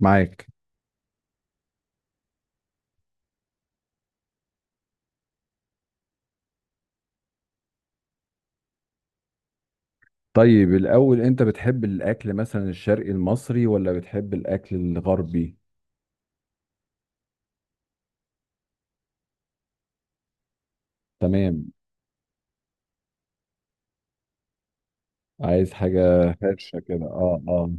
معاك. طيب، الأول أنت بتحب الأكل مثلا الشرقي المصري ولا بتحب الأكل الغربي؟ تمام. عايز حاجة فرشة كده، اه اه.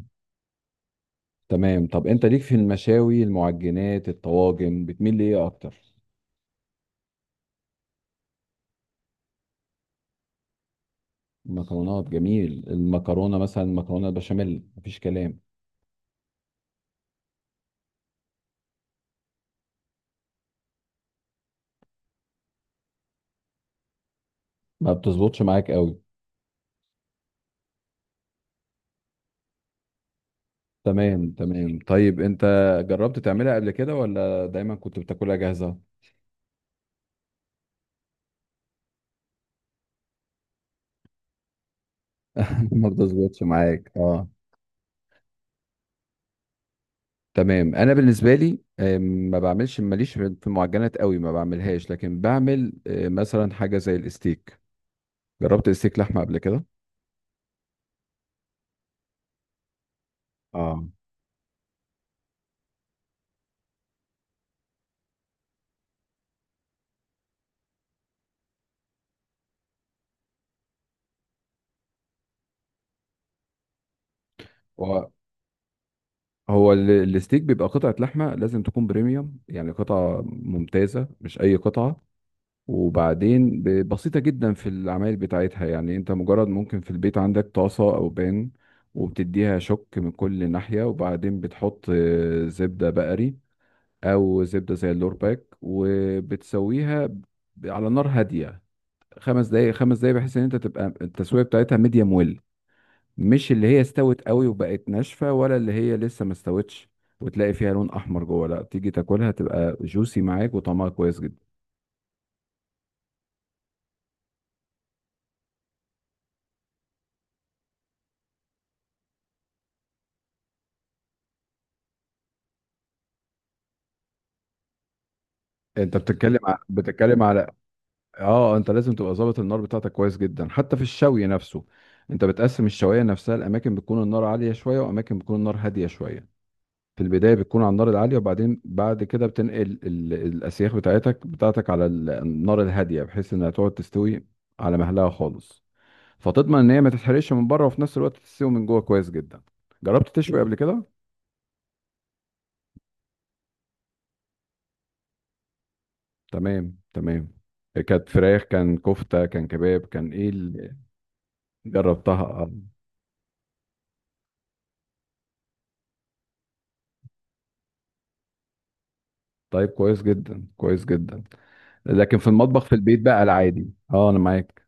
تمام، طب أنت ليك في المشاوي المعجنات الطواجن بتميل لإيه أكتر؟ مكرونات، جميل. المكرونة مثلا مكرونة بشاميل مفيش كلام. ما بتظبطش معاك قوي. تمام تمام، طيب أنت جربت تعملها قبل كده ولا دايما كنت بتاكلها جاهزة؟ ما بتظبطش معاك، اه. تمام. انا بالنسبه لي ما بعملش، ماليش في المعجنات قوي، ما بعملهاش، لكن بعمل مثلا حاجه زي الستيك. جربت الستيك لحمه قبل كده؟ اه. هو هو الستيك بيبقى قطعه لحمه لازم تكون بريميوم، يعني قطعه ممتازه مش اي قطعه. وبعدين بسيطه جدا في العمايل بتاعتها، يعني انت مجرد ممكن في البيت عندك طاسه او بان، وبتديها شك من كل ناحيه، وبعدين بتحط زبده بقري او زبده زي اللورباك، وبتسويها على نار هاديه، خمس دقايق، خمس دقايق، بحيث ان انت تبقى التسويه بتاعتها ميديم ويل، مش اللي هي استوت قوي وبقت ناشفه ولا اللي هي لسه ما استوتش، وتلاقي فيها لون احمر جوه. لا تيجي تاكلها تبقى جوسي معاك وطعمها كويس جدا. انت بتتكلم على، اه، انت لازم تبقى ظابط النار بتاعتك كويس جدا حتى في الشوي نفسه. انت بتقسم الشوايه نفسها، الاماكن بتكون النار عاليه شويه واماكن بتكون النار هاديه شويه. في البدايه بتكون على النار العاليه، وبعدين بعد كده بتنقل الاسياخ بتاعتك على النار الهاديه، بحيث انها تقعد تستوي على مهلها خالص، فتضمن ان هي ما تتحرقش من بره وفي نفس الوقت تستوي من جوه كويس جدا. جربت تشوي قبل كده؟ تمام تمام. كانت فراخ كان كفته كان كباب كان ايه اللي جربتها؟ آه. طيب كويس جدا كويس جدا، لكن في المطبخ في البيت بقى العادي، اه، انا معاك.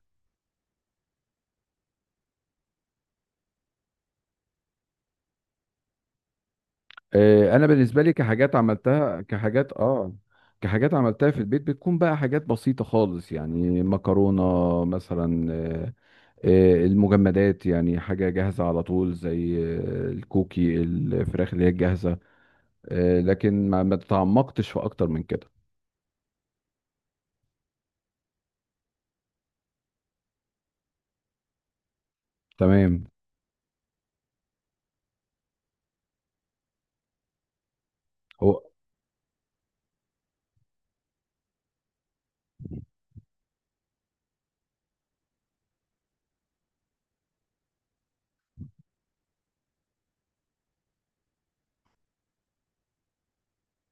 انا بالنسبه لي كحاجات عملتها في البيت بتكون بقى حاجات بسيطه خالص، يعني مكرونه مثلا، المجمدات، يعني حاجه جاهزه على طول، زي الكوكي، الفراخ اللي هي الجاهزه. لكن ما تعمقتش في اكتر من كده. تمام. هو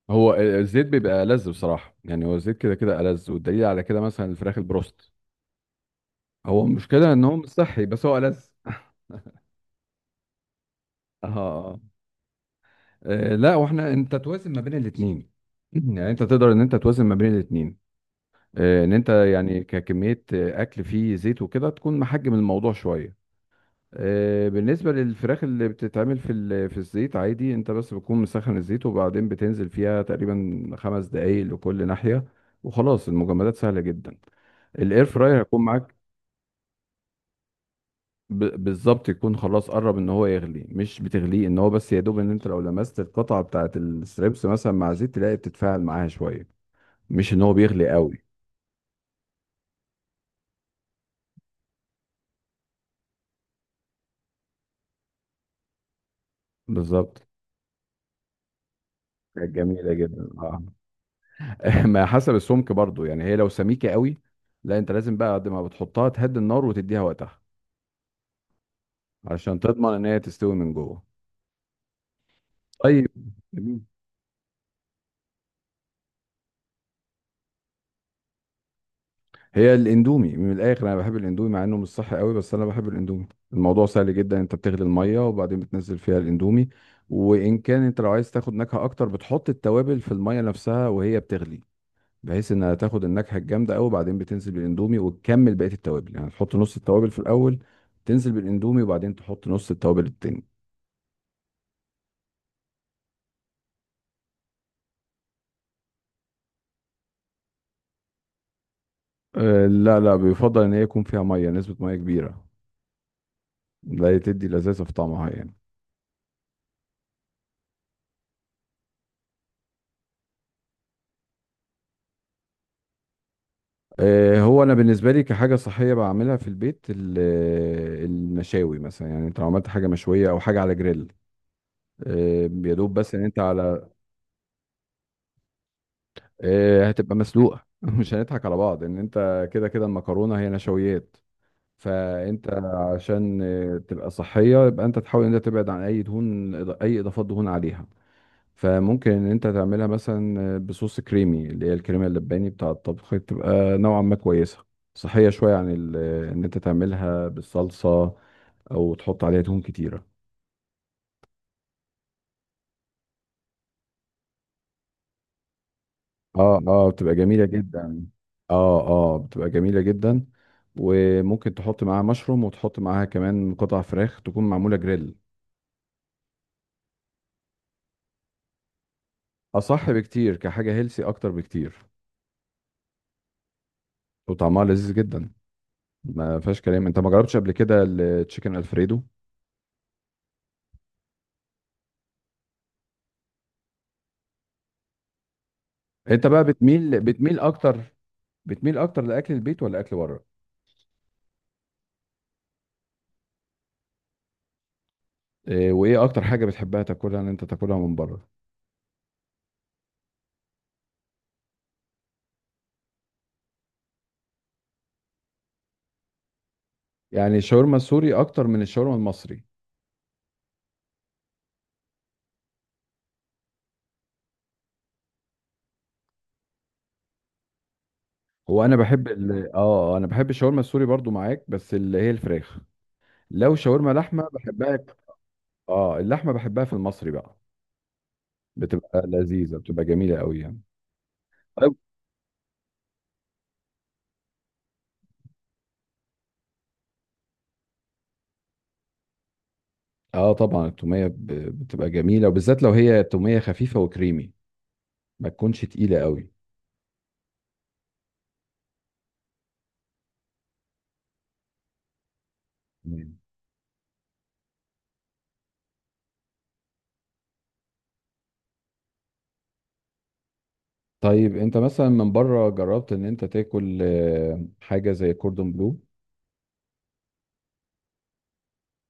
هو الزيت بيبقى ألذ بصراحة، يعني هو الزيت كده كده ألذ، والدليل على كده مثلا الفراخ البروست. هو المشكلة إن هو مش صحي، بس هو ألذ اه. لا، واحنا انت توازن ما بين الاثنين يعني انت تقدر ان انت توازن ما بين الاثنين، ان انت يعني ككميه اكل فيه زيت وكده، تكون محجم الموضوع شويه. بالنسبه للفراخ اللي بتتعمل في في الزيت عادي، انت بس بتكون مسخن الزيت وبعدين بتنزل فيها تقريبا خمس دقايق لكل ناحيه. وخلاص، المجمدات سهله جدا، الاير فراير هيكون معاك. بالظبط، يكون خلاص قرب ان هو يغلي، مش بتغليه ان هو، بس يا دوب ان انت لو لمست القطعه بتاعه الستريبس مثلا مع زيت تلاقي بتتفاعل معاها شويه، مش ان هو بيغلي قوي. بالظبط. كانت جميله جدا، اه ما حسب السمك برضو، يعني هي لو سميكه قوي، لا انت لازم بقى قد ما بتحطها تهدي النار وتديها وقتها عشان تضمن ان هي تستوي من جوه. طيب، هي الاندومي من الاخر، انا بحب الاندومي مع انه مش صح قوي، بس انا بحب الاندومي. الموضوع سهل جدا، انت بتغلي الميه وبعدين بتنزل فيها الاندومي. وان كان انت لو عايز تاخد نكهه اكتر، بتحط التوابل في الميه نفسها وهي بتغلي، بحيث انها تاخد النكهه الجامده قوي، وبعدين بتنزل بالاندومي وتكمل بقيه التوابل، يعني تحط نص التوابل في الاول، تنزل بالاندومي وبعدين تحط نص التوابل التاني. أه، لا لا، بيفضل ان هي يكون فيها ميه، نسبه ميه كبيره، لا تدي لذاذه في طعمها يعني. هو انا بالنسبه لي كحاجه صحيه بعملها في البيت، المشاوي مثلا، يعني انت لو عملت حاجه مشويه او حاجه على جريل، يا دوب بس ان انت على، هتبقى مسلوقه مش هنضحك على بعض، ان انت كده كده المكرونه هي نشويات، فانت عشان تبقى صحيه يبقى انت تحاول ان انت تبعد عن اي دهون، اي اضافات دهون عليها. فممكن ان انت تعملها مثلا بصوص كريمي، اللي هي الكريمه اللباني بتاع الطبخ، تبقى نوعا ما كويسه، صحيه شويه عن ان انت تعملها بالصلصه او تحط عليها دهون كتيره. اه اه، بتبقى جميله جدا. اه اه، بتبقى جميله جدا، وممكن تحط معاها مشروم وتحط معاها كمان قطع فراخ تكون معموله جريل، اصح بكتير كحاجه هيلسي اكتر بكتير. وطعمها لذيذ جدا، ما فيهاش كلام. انت ما جربتش قبل كده التشيكن الفريدو؟ انت بقى بتميل اكتر، بتميل اكتر لاكل البيت ولا اكل بره؟ إيه وايه اكتر حاجه بتحبها تاكلها ان انت تاكلها من بره؟ يعني الشاورما السوري اكتر من الشاورما المصري؟ هو انا بحب ال... اه آه، انا بحب الشاورما السوري برضو معاك، بس اللي هي الفراخ. لو شاورما لحمه بحبها، اه، اللحمه بحبها في المصري بقى، بتبقى لذيذه، بتبقى جميله قوي يعني. طيب. اه طبعا، التوميه بتبقى جميله، وبالذات لو هي توميه خفيفه وكريمي، ما تكونش تقيله قوي. تمام. طيب، انت مثلا من بره جربت ان انت تاكل حاجه زي كوردون بلو؟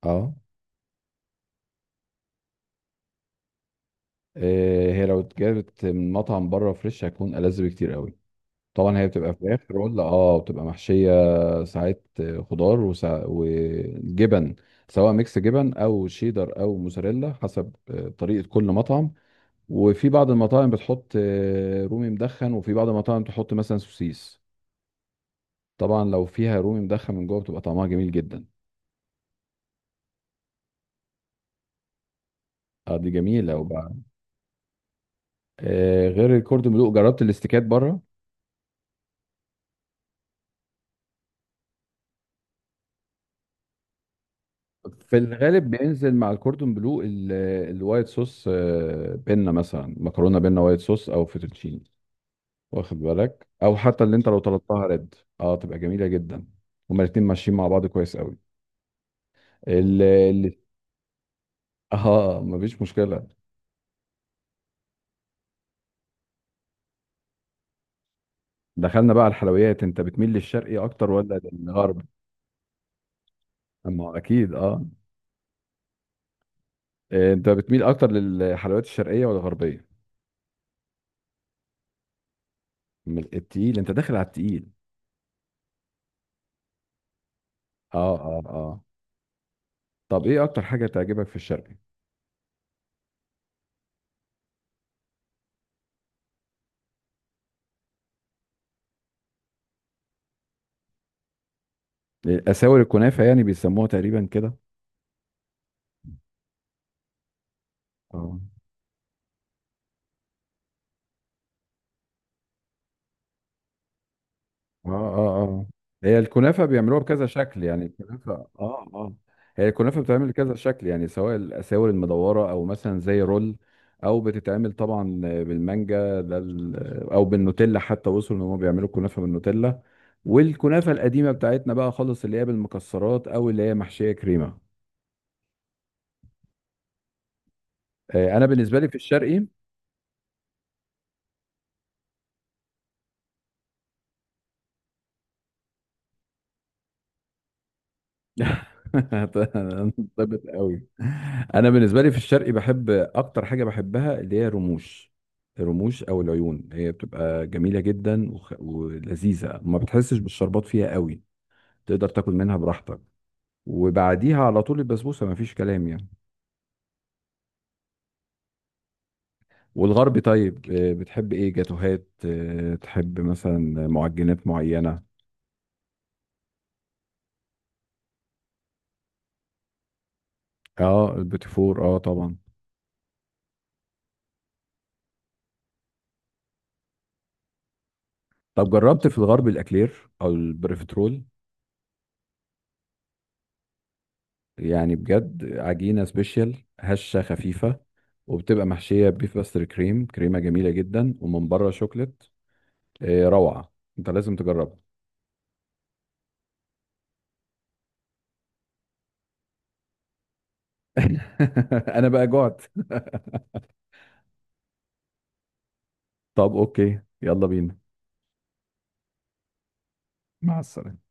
اه. هي لو اتجابت من مطعم بره فريش هتكون ألذ بكتير قوي، طبعا هي بتبقى فراخ رول، اه، بتبقى محشية ساعات، خضار وجبن، سواء ميكس جبن او شيدر او موزاريلا حسب طريقة كل مطعم. وفي بعض المطاعم بتحط رومي مدخن، وفي بعض المطاعم تحط مثلا سوسيس. طبعا لو فيها رومي مدخن من جوه بتبقى طعمها جميل جدا. اه، دي جميلة وبقى. غير الكوردون بلو، جربت الاستيكات بره؟ في الغالب بينزل مع الكوردون بلو الوايت صوص، بينا مثلا مكرونه بينا وايت صوص او فيتوتشيني، واخد بالك؟ او حتى اللي انت لو طلبتها ريد، اه، تبقى جميله جدا، هما الاتنين ماشيين مع بعض كويس قوي. ال ال- اه، مفيش مشكله. دخلنا بقى على الحلويات، انت بتميل للشرقي اكتر ولا للغرب؟ اما اكيد، اه. انت بتميل اكتر للحلويات الشرقيه ولا الغربيه؟ من التقيل، انت داخل على التقيل. اه اه اه. طب ايه اكتر حاجه تعجبك في الشرقي؟ اساور الكنافه يعني، بيسموها تقريبا كده. اه اه اه اه. هي الكنافه بيعملوها بكذا شكل، يعني الكنافه. اه اه، هي الكنافه بتتعمل بكذا شكل، يعني سواء الاساور المدوره او مثلا زي رول، او بتتعمل طبعا بالمانجا ده او بالنوتيلا، حتى وصلوا ان هم بيعملوا الكنافه بالنوتيلا. والكنافه القديمه بتاعتنا بقى خالص اللي هي بالمكسرات او اللي هي محشيه كريمه. انا بالنسبه لي في الشرقي. انضبط قوي. انا بالنسبه لي في الشرقي بحب، اكتر حاجه بحبها اللي هي رموش، الرموش او العيون، هي بتبقى جميله جدا ولذيذه، ما بتحسش بالشربات فيها قوي، تقدر تاكل منها براحتك. وبعديها على طول البسبوسه ما فيش كلام يعني. والغربي طيب، بتحب ايه؟ جاتوهات؟ تحب مثلا معجنات معينه؟ اه، البيتي فور، اه طبعا. طب جربت في الغرب الاكلير او البريفترول؟ يعني بجد، عجينة سبيشال هشة خفيفة، وبتبقى محشية بيف باستر كريم، كريمة جميلة جدا، ومن بره شوكليت، روعة. انت لازم تجربها. انا بقى جعت. طب اوكي، يلا بينا. مع السلامة.